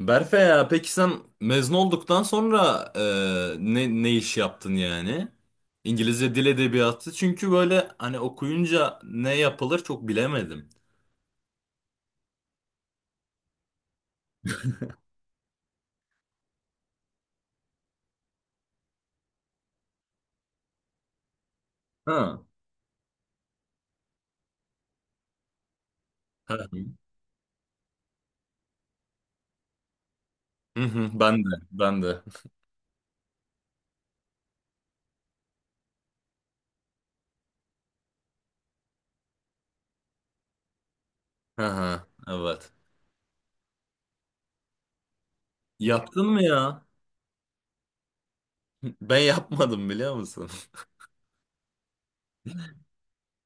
Berfe, ya peki sen mezun olduktan sonra ne iş yaptın yani? İngilizce dil edebiyatı çünkü böyle hani okuyunca ne yapılır çok bilemedim. Ha. Ha. Hı hı, ben de ben de. Ha ha, evet. Yaptın mı ya? Ben yapmadım biliyor musun?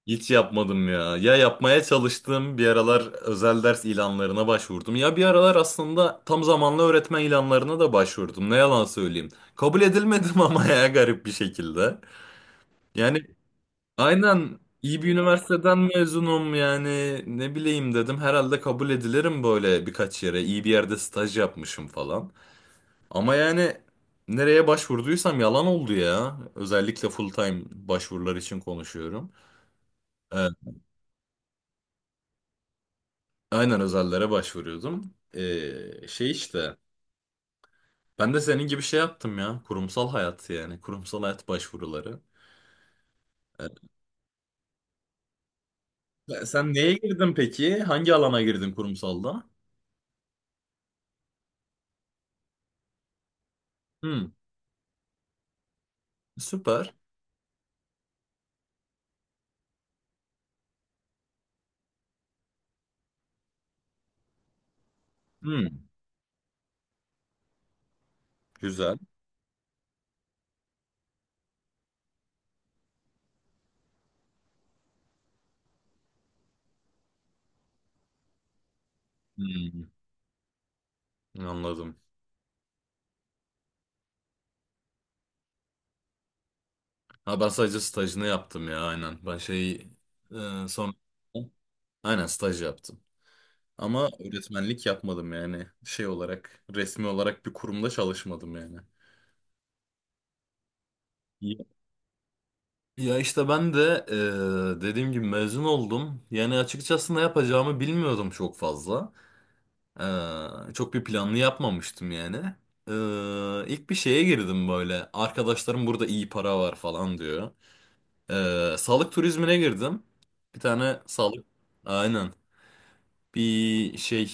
Hiç yapmadım ya. Ya yapmaya çalıştım bir aralar özel ders ilanlarına başvurdum. Ya bir aralar aslında tam zamanlı öğretmen ilanlarına da başvurdum. Ne yalan söyleyeyim. Kabul edilmedim ama ya garip bir şekilde. Yani aynen iyi bir üniversiteden mezunum yani ne bileyim dedim. Herhalde kabul edilirim böyle birkaç yere. İyi bir yerde staj yapmışım falan. Ama yani nereye başvurduysam yalan oldu ya. Özellikle full time başvurular için konuşuyorum. Ee, Aynen özellere başvuruyordum. Şey işte ben de senin gibi şey yaptım ya, kurumsal hayat yani kurumsal hayat başvuruları. Ee, sen neye girdin peki? Hangi alana girdin kurumsalda? Hmm, süper. Hmm, güzel. Hmm, anladım. Ha, ben sadece stajını yaptım ya aynen. Ben şey, son, aynen staj yaptım. Ama öğretmenlik yapmadım yani şey olarak, resmi olarak bir kurumda çalışmadım yani. Ya işte ben de dediğim gibi mezun oldum. Yani açıkçası ne yapacağımı bilmiyordum çok fazla. Çok bir planlı yapmamıştım yani. İlk bir şeye girdim böyle. Arkadaşlarım burada iyi para var falan diyor. Sağlık turizmine girdim. Bir tane sağlık, aynen, bir şey,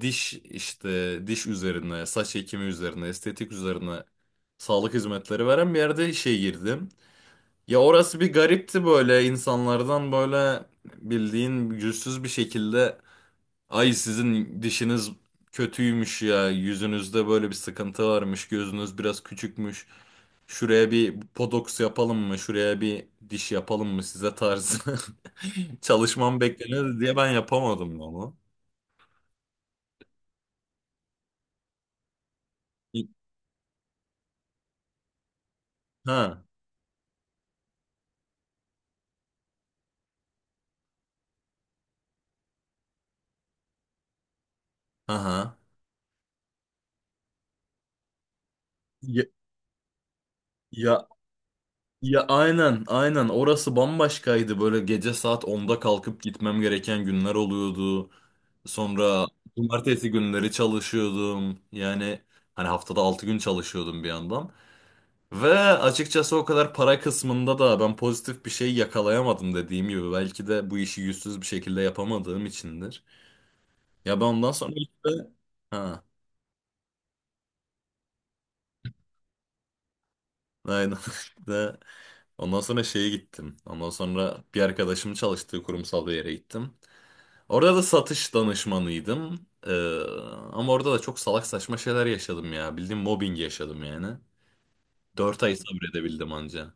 diş işte, diş üzerine, saç ekimi üzerine, estetik üzerine sağlık hizmetleri veren bir yerde işe girdim. Ya orası bir garipti, böyle insanlardan böyle bildiğin yüzsüz bir şekilde, ay sizin dişiniz kötüymüş ya, yüzünüzde böyle bir sıkıntı varmış, gözünüz biraz küçükmüş, şuraya bir botoks yapalım mı, şuraya bir diş yapalım mı size, tarzı çalışmam bekleniyordu diye ben yapamadım onu. Ha. Aha. Ya, ya ya, aynen aynen, orası bambaşkaydı, böyle gece saat 10'da kalkıp gitmem gereken günler oluyordu. Sonra cumartesi günleri çalışıyordum. Yani hani haftada 6 gün çalışıyordum bir yandan. Ve açıkçası o kadar para kısmında da ben pozitif bir şey yakalayamadım dediğim gibi. Belki de bu işi yüzsüz bir şekilde yapamadığım içindir. Ya ben ondan sonra işte... Ha, aynen. İşte, ondan sonra şeye gittim. Ondan sonra bir arkadaşımın çalıştığı kurumsal bir yere gittim. Orada da satış danışmanıydım. Ama orada da çok salak saçma şeyler yaşadım ya. Bildiğin mobbing yaşadım yani. 4 ay sabredebildim anca.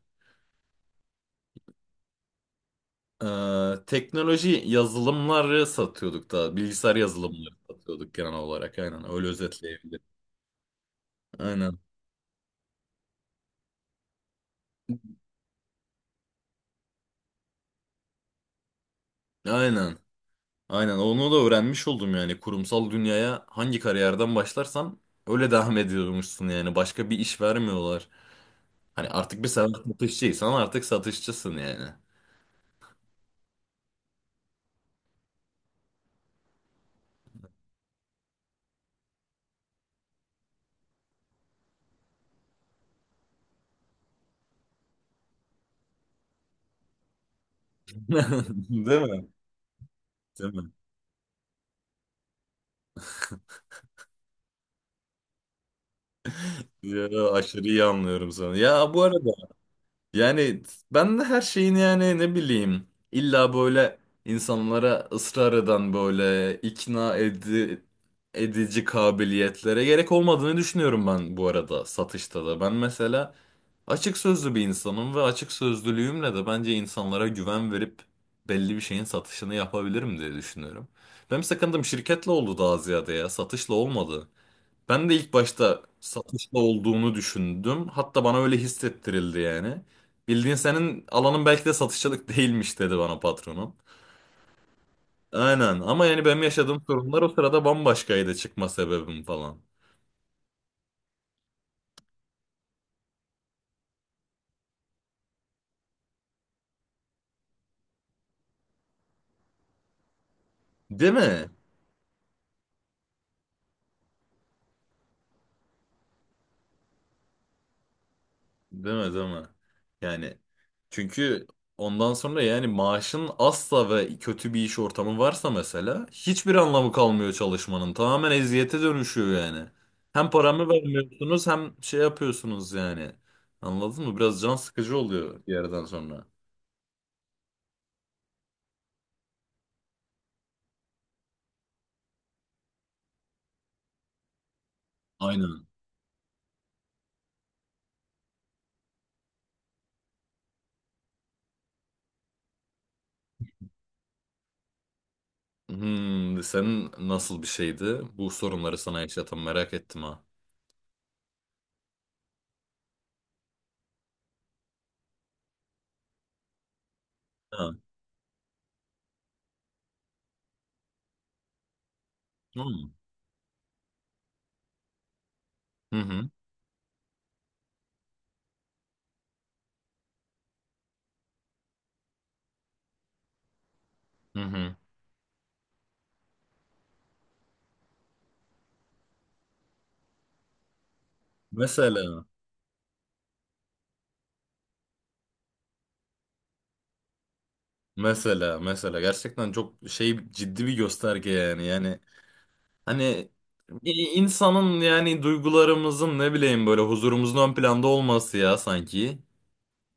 Teknoloji yazılımları satıyorduk da. Bilgisayar yazılımları satıyorduk genel olarak. Aynen öyle özetleyebilirim. Aynen. Aynen. Aynen onu da öğrenmiş oldum yani. Kurumsal dünyaya hangi kariyerden başlarsan öyle devam ediyormuşsun yani. Başka bir iş vermiyorlar. Hani artık bir, sen satışçıysan artık satışçısın yani. Değil mi? Değil mi? Ya, aşırı iyi anlıyorum sana. Ya, bu arada, yani ben de her şeyin yani ne bileyim, illa böyle insanlara ısrar eden böyle ikna edici kabiliyetlere gerek olmadığını düşünüyorum ben bu arada satışta da. Ben mesela açık sözlü bir insanım ve açık sözlülüğümle de bence insanlara güven verip belli bir şeyin satışını yapabilirim diye düşünüyorum. Benim sakındığım şirketle oldu daha ziyade, ya satışla olmadı. Ben de ilk başta satışta olduğunu düşündüm. Hatta bana öyle hissettirildi yani. Bildiğin, senin alanın belki de satışçılık değilmiş dedi bana patronum. Aynen, ama yani benim yaşadığım sorunlar o sırada bambaşkaydı, çıkma sebebim falan. Değil mi? Değil mi, değil mi? Yani çünkü ondan sonra yani, maaşın asla ve kötü bir iş ortamı varsa mesela hiçbir anlamı kalmıyor çalışmanın. Tamamen eziyete dönüşüyor yani. Hem paramı vermiyorsunuz, hem şey yapıyorsunuz yani. Anladın mı? Biraz can sıkıcı oluyor bir yerden sonra. Aynen. Hmm, senin nasıl bir şeydi? Bu sorunları sana yaşatan, merak ettim ha. Ha. Hı hı. Hı hı. Hı hı. Mesela. Mesela mesela gerçekten çok şey, ciddi bir gösterge yani hani insanın yani duygularımızın ne bileyim, böyle huzurumuzun ön planda olması ya sanki.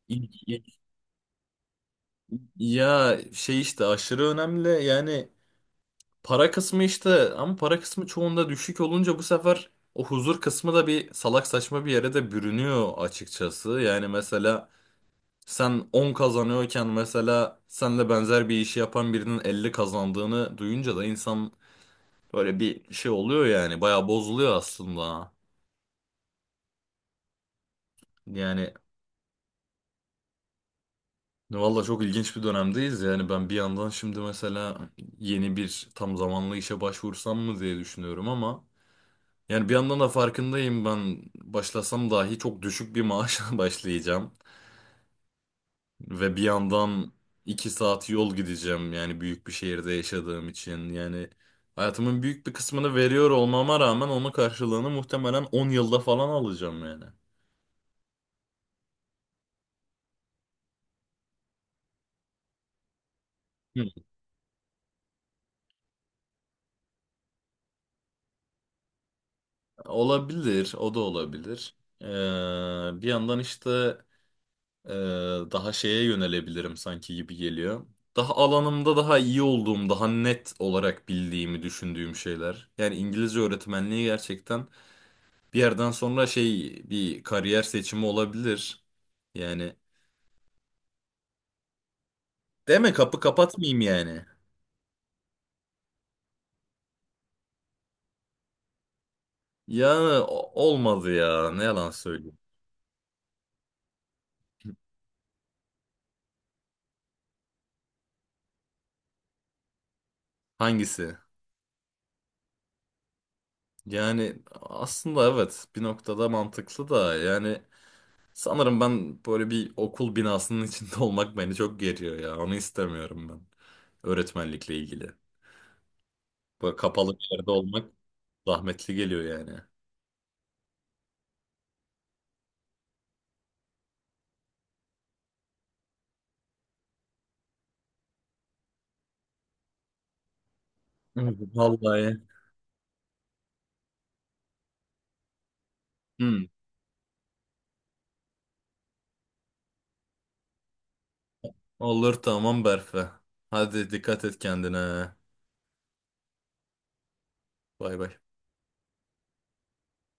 İ- i- Ya şey işte, aşırı önemli yani para kısmı işte, ama para kısmı çoğunda düşük olunca bu sefer o huzur kısmı da bir salak saçma bir yere de bürünüyor açıkçası. Yani mesela sen 10 kazanıyorken, mesela senle benzer bir işi yapan birinin 50 kazandığını duyunca da insan, böyle bir şey oluyor yani. Bayağı bozuluyor aslında. Yani valla çok ilginç bir dönemdeyiz. Yani ben bir yandan şimdi mesela yeni bir tam zamanlı işe başvursam mı diye düşünüyorum, ama yani bir yandan da farkındayım, ben başlasam dahi çok düşük bir maaşla başlayacağım. Ve bir yandan 2 saat yol gideceğim yani, büyük bir şehirde yaşadığım için. Yani hayatımın büyük bir kısmını veriyor olmama rağmen onun karşılığını muhtemelen 10 yılda falan alacağım yani. Olabilir, o da olabilir. Ee, bir yandan işte, e, daha şeye yönelebilirim sanki gibi geliyor. Daha alanımda daha iyi olduğum, daha net olarak bildiğimi düşündüğüm şeyler. Yani İngilizce öğretmenliği gerçekten bir yerden sonra şey, bir kariyer seçimi olabilir. Yani deme, kapı kapatmayayım yani. Ya olmadı ya, ne yalan söyleyeyim. Hangisi? Yani aslında evet, bir noktada mantıklı da yani. Sanırım ben böyle bir okul binasının içinde olmak beni çok geriyor ya. Onu istemiyorum ben. Öğretmenlikle ilgili. Böyle kapalı bir yerde olmak zahmetli geliyor yani. Evet. Vallahi. Hı. Olur, tamam Berfe. Hadi, dikkat et kendine. Bay bay.